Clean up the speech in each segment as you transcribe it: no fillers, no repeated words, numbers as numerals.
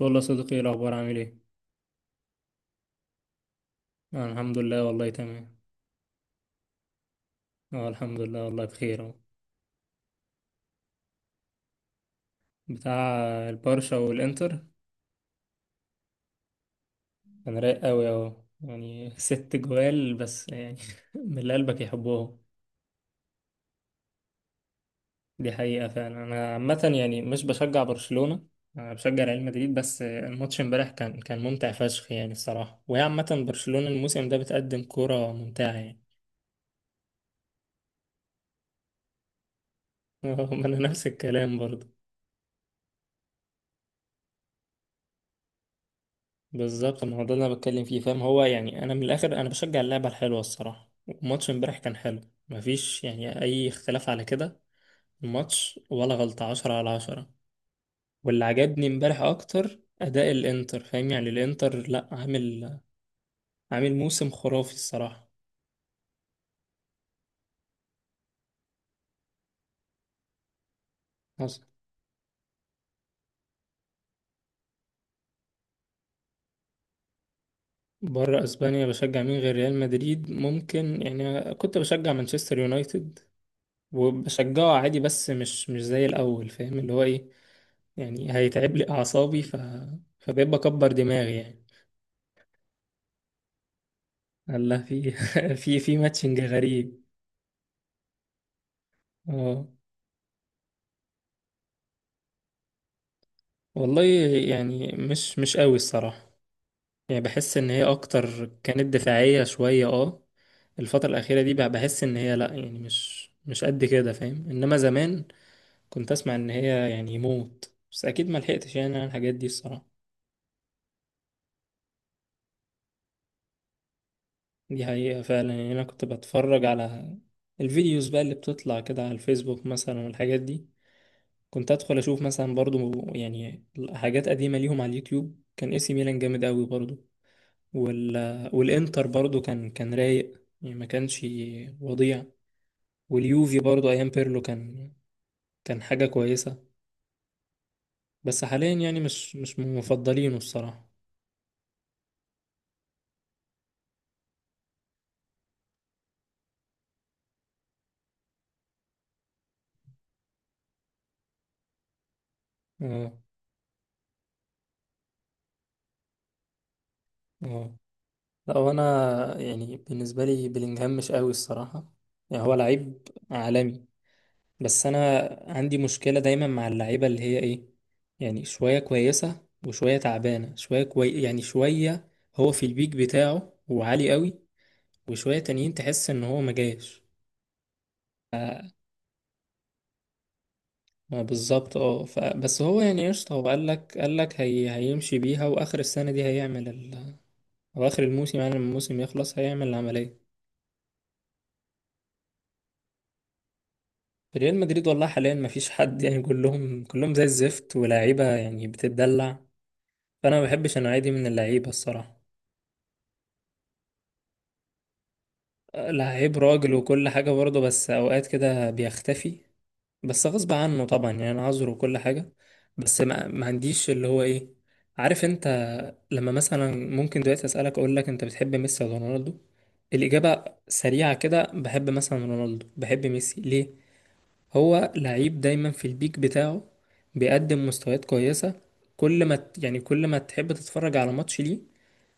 والله صديقي، ايه الاخبار؟ عامل ايه؟ آه الحمد لله والله تمام. اه الحمد لله والله بخير اهو. بتاع البرشا والانتر. كان رايق قوي اهو يعني 6 جوال بس يعني من اللي قلبك يحبهم. دي حقيقة فعلا. انا عامة يعني مش بشجع برشلونة. انا بشجع ريال مدريد بس الماتش امبارح كان ممتع فشخ يعني الصراحة. وهي عامة برشلونة الموسم ده بتقدم كرة ممتعة يعني. ما انا نفس الكلام برضه. بالظبط، ما هو ده اللي انا بتكلم فيه فاهم. هو يعني انا من الاخر انا بشجع اللعبه الحلوه الصراحه. وماتش امبارح كان حلو. مفيش يعني اي اختلاف على كده. الماتش ولا غلطه، 10/10. واللي عجبني امبارح اكتر اداء الانتر فاهم. يعني الانتر لا عامل عامل موسم خرافي الصراحه. حصل. بره اسبانيا بشجع مين غير ريال مدريد؟ ممكن يعني كنت بشجع مانشستر يونايتد وبشجعه عادي بس مش زي الاول فاهم، اللي هو ايه، يعني هيتعب لي أعصابي فبقيت بكبر دماغي يعني. الله في ماتشنج غريب. اه والله يعني مش قوي الصراحة. يعني بحس إن هي أكتر كانت دفاعية شوية اه. الفترة الأخيرة دي بقى بحس إن هي لأ، يعني مش قد كده فاهم. إنما زمان كنت أسمع إن هي يعني موت، بس أكيد ما لحقتش يعني على الحاجات دي الصراحة. دي حقيقة فعلا. يعني أنا كنت بتفرج على الفيديوز بقى اللي بتطلع كده على الفيسبوك مثلا والحاجات دي. كنت ادخل اشوف مثلا برضو يعني حاجات قديمه ليهم على اليوتيوب. كان اي سي ميلان جامد قوي برضو. وال... والانتر برضو كان رايق يعني، ما كانش وضيع. واليوفي برضو ايام بيرلو كان حاجه كويسه. بس حاليا يعني مش من مفضلينه الصراحه. اه اه. لا، وانا يعني بالنسبه لي بلينجهام مش قوي الصراحه. يعني هو لعيب عالمي، بس انا عندي مشكلة دايما مع اللعيبة اللي هي ايه. يعني شوية كويسة وشوية تعبانة، شوية كوي يعني شوية. هو في البيك بتاعه وعالي قوي، وشوية تانيين تحس ان هو ما جاش ف- ما بالظبط اه بس هو يعني قشطة. هو قالك هيمشي بيها واخر السنة دي هيعمل او اخر الموسم. يعني لما الموسم يخلص هيعمل العملية. في ريال مدريد والله حاليا ما فيش حد يعني، كلهم زي الزفت، ولاعيبة يعني بتتدلع. فانا ما بحبش النوعية دي من اللعيبة الصراحة. لعيب راجل وكل حاجة برضه، بس أوقات كده بيختفي، بس غصب عنه طبعا يعني، أنا عذره وكل حاجة. بس ما عنديش اللي هو إيه، عارف أنت. لما مثلا ممكن دلوقتي أسألك أقول لك أنت بتحب ميسي ولا رونالدو، الإجابة سريعة كده. بحب مثلا رونالدو، بحب ميسي ليه. هو لعيب دايما في البيك بتاعه، بيقدم مستويات كويسة. كل ما ت- يعني كل ما تحب تتفرج على ماتش ليه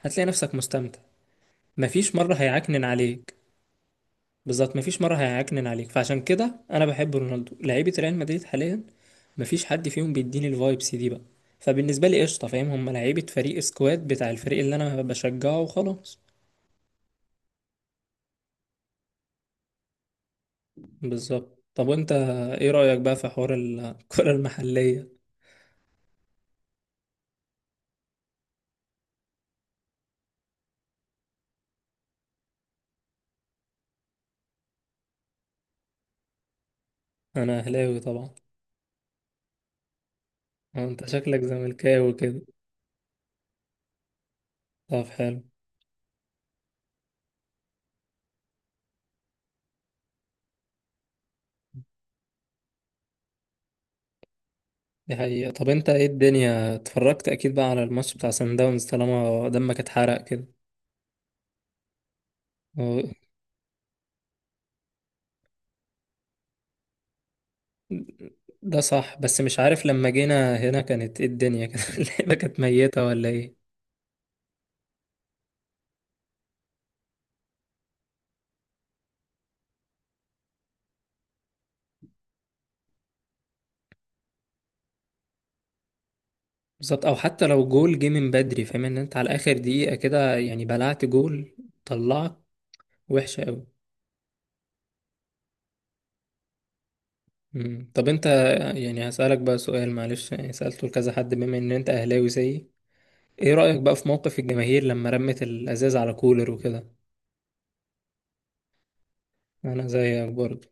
هتلاقي نفسك مستمتع. مفيش مرة هيعكنن عليك. بالظبط، مفيش مرة هيعكنن عليك. فعشان كده انا بحب رونالدو. لعيبة ريال مدريد حاليا مفيش حد فيهم بيديني الفايبس دي بقى. فبالنسبة لي قشطة فاهم، هم لعيبة فريق، سكواد بتاع الفريق اللي انا بشجعه وخلاص. بالظبط. طب وانت ايه رأيك بقى في حوار الكرة المحلية؟ انا اهلاوي طبعا. آه، انت شكلك زملكاوي كده. طب حلو. دي حقيقة. طب انت ايه الدنيا، اتفرجت اكيد بقى على الماتش بتاع سان داونز طالما دمك اتحرق كده؟ ده صح، بس مش عارف لما جينا هنا كانت ايه الدنيا كده اللعبة كانت ميتة ولا ايه؟ بالظبط، او حتى لو جول جه من بدري فاهم، ان انت على اخر دقيقة كده يعني بلعت جول، طلعك وحشة قوي. طب انت يعني هسألك بقى سؤال معلش. يعني سألته لكذا حد، بما ان انت اهلاوي زيي، ايه رأيك بقى في موقف الجماهير لما رمت الازاز على كولر وكده؟ انا زيك برضه.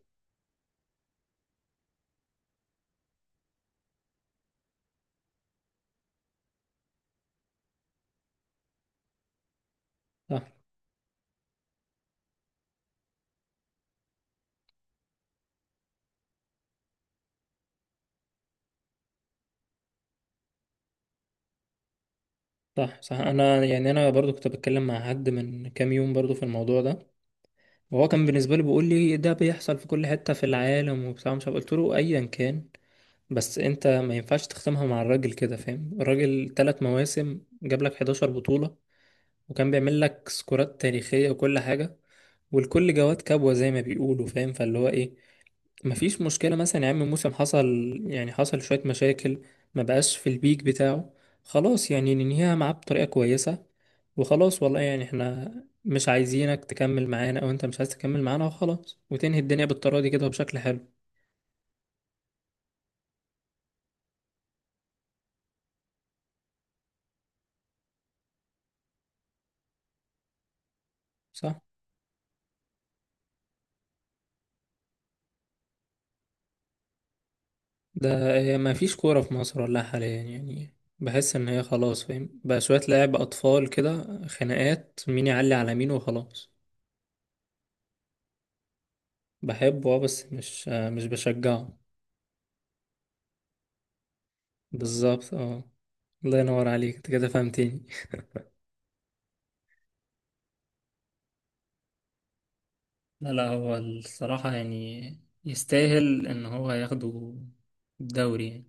صح صح صح. انا يعني انا برضو كنت بتكلم مع حد من كام يوم برضو في الموضوع ده، وهو كان بالنسبة لي بيقول لي ده بيحصل في كل حتة في العالم وبتاع، مش عارف. قلت له أيا كان، بس أنت ما ينفعش تختمها مع الراجل كده فاهم. الراجل 3 مواسم جاب لك 11 بطولة، وكان بيعمل لك سكورات تاريخية وكل حاجة. والكل جواد كبوة زي ما بيقولوا فاهم، فاللي هو إيه، مفيش مشكلة مثلا يا عم. موسم حصل، يعني حصل شوية مشاكل، ما بقاش في البيك بتاعه، خلاص يعني ننهيها معاه بطريقة كويسة. وخلاص والله، يعني احنا مش عايزينك تكمل معانا او انت مش عايز تكمل معانا وخلاص، وتنهي الدنيا بالطريقة دي كده وبشكل حلو. صح. ده هي مفيش كورة في مصر ولا حاليا يعني، بحس ان هي خلاص فاهم، بقى شوية لعب اطفال كده، خناقات مين يعلي على مين وخلاص. بحبه اه، بس مش مش بشجعه. بالظبط اه. الله ينور عليك، انت كده فهمتني. لا لا، هو الصراحة يعني يستاهل ان هو ياخده الدوري يعني.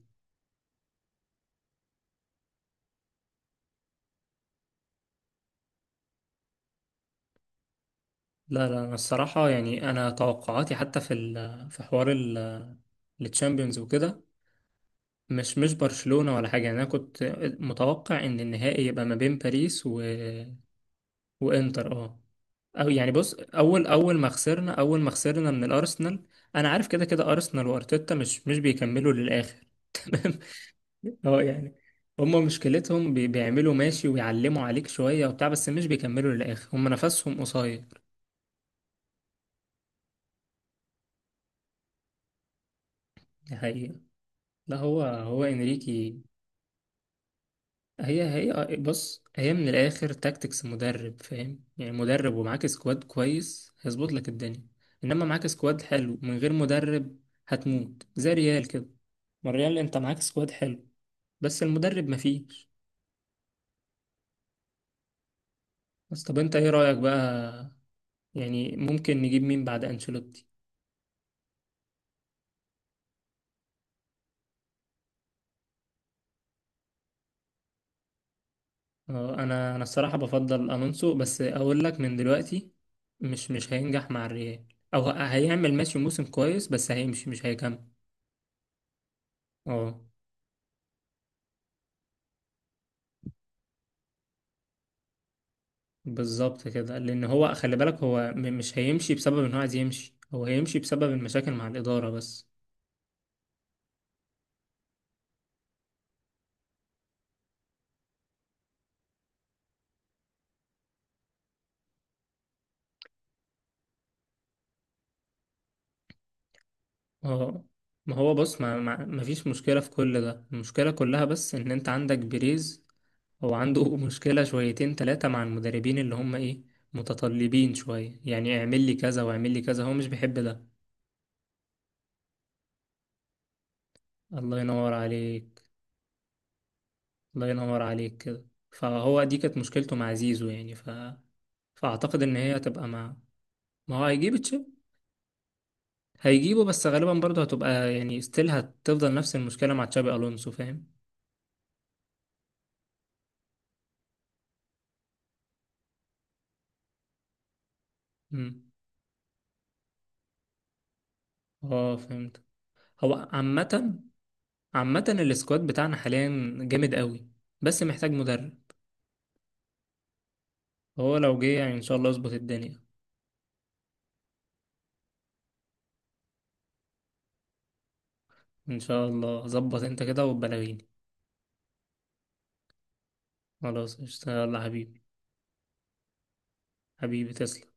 لا لا، انا الصراحة يعني انا توقعاتي حتى في في حوار التشامبيونز وكده مش برشلونة ولا حاجة. يعني انا كنت متوقع ان النهائي يبقى ما بين باريس وانتر اه. او يعني بص، اول ما خسرنا من الارسنال. انا عارف كده كده ارسنال وارتيتا مش بيكملوا للاخر. اه يعني، هم مشكلتهم بيعملوا ماشي ويعلموا عليك شوية وبتاع، بس مش بيكملوا للآخر. هم نفسهم قصير. دي حقيقة. لا، هو انريكي. هي بص هي من الآخر تاكتكس مدرب فاهم. يعني مدرب ومعاك سكواد كويس هيظبط لك الدنيا. انما معاك سكواد حلو من غير مدرب هتموت زي ريال كده. ما الريال انت معاك سكواد حلو بس المدرب مفيش. بس طب انت ايه رأيك بقى؟ يعني ممكن نجيب مين بعد انشيلوتي؟ اه، انا الصراحه بفضل الونسو، بس اقول لك من دلوقتي مش هينجح مع الريال. او هيعمل ماشي موسم كويس، بس هيمشي مش هيكمل. اه. بالظبط كده، لان هو خلي بالك هو مش هيمشي بسبب ان هو عايز يمشي، هو هيمشي بسبب المشاكل مع الاداره بس. اه. ما هو بص ما فيش مشكله في كل ده، المشكله كلها بس ان انت عندك بيريز. هو عنده مشكله شويتين ثلاثه مع المدربين اللي هم ايه، متطلبين شويه، يعني اعمل لي كذا واعمل لي كذا هو مش بيحب ده. الله ينور عليك. الله ينور عليك كده. فهو دي كانت مشكلته مع زيزو يعني فأعتقد إن هي هتبقى مع. ما هو هيجيب تشابي، هيجيبه، بس غالبا برضه هتبقى يعني ستيل هتفضل نفس المشكلة مع تشابي ألونسو فاهم. امم. اه فهمت. هو عامة عامة السكواد بتاعنا حاليا جامد قوي، بس محتاج مدرب. هو لو جه يعني إن شاء الله اظبط الدنيا. إن شاء الله. ظبط أنت كده وبلغيني. خلاص، اشتغل يلا حبيبي. حبيبي تسلم.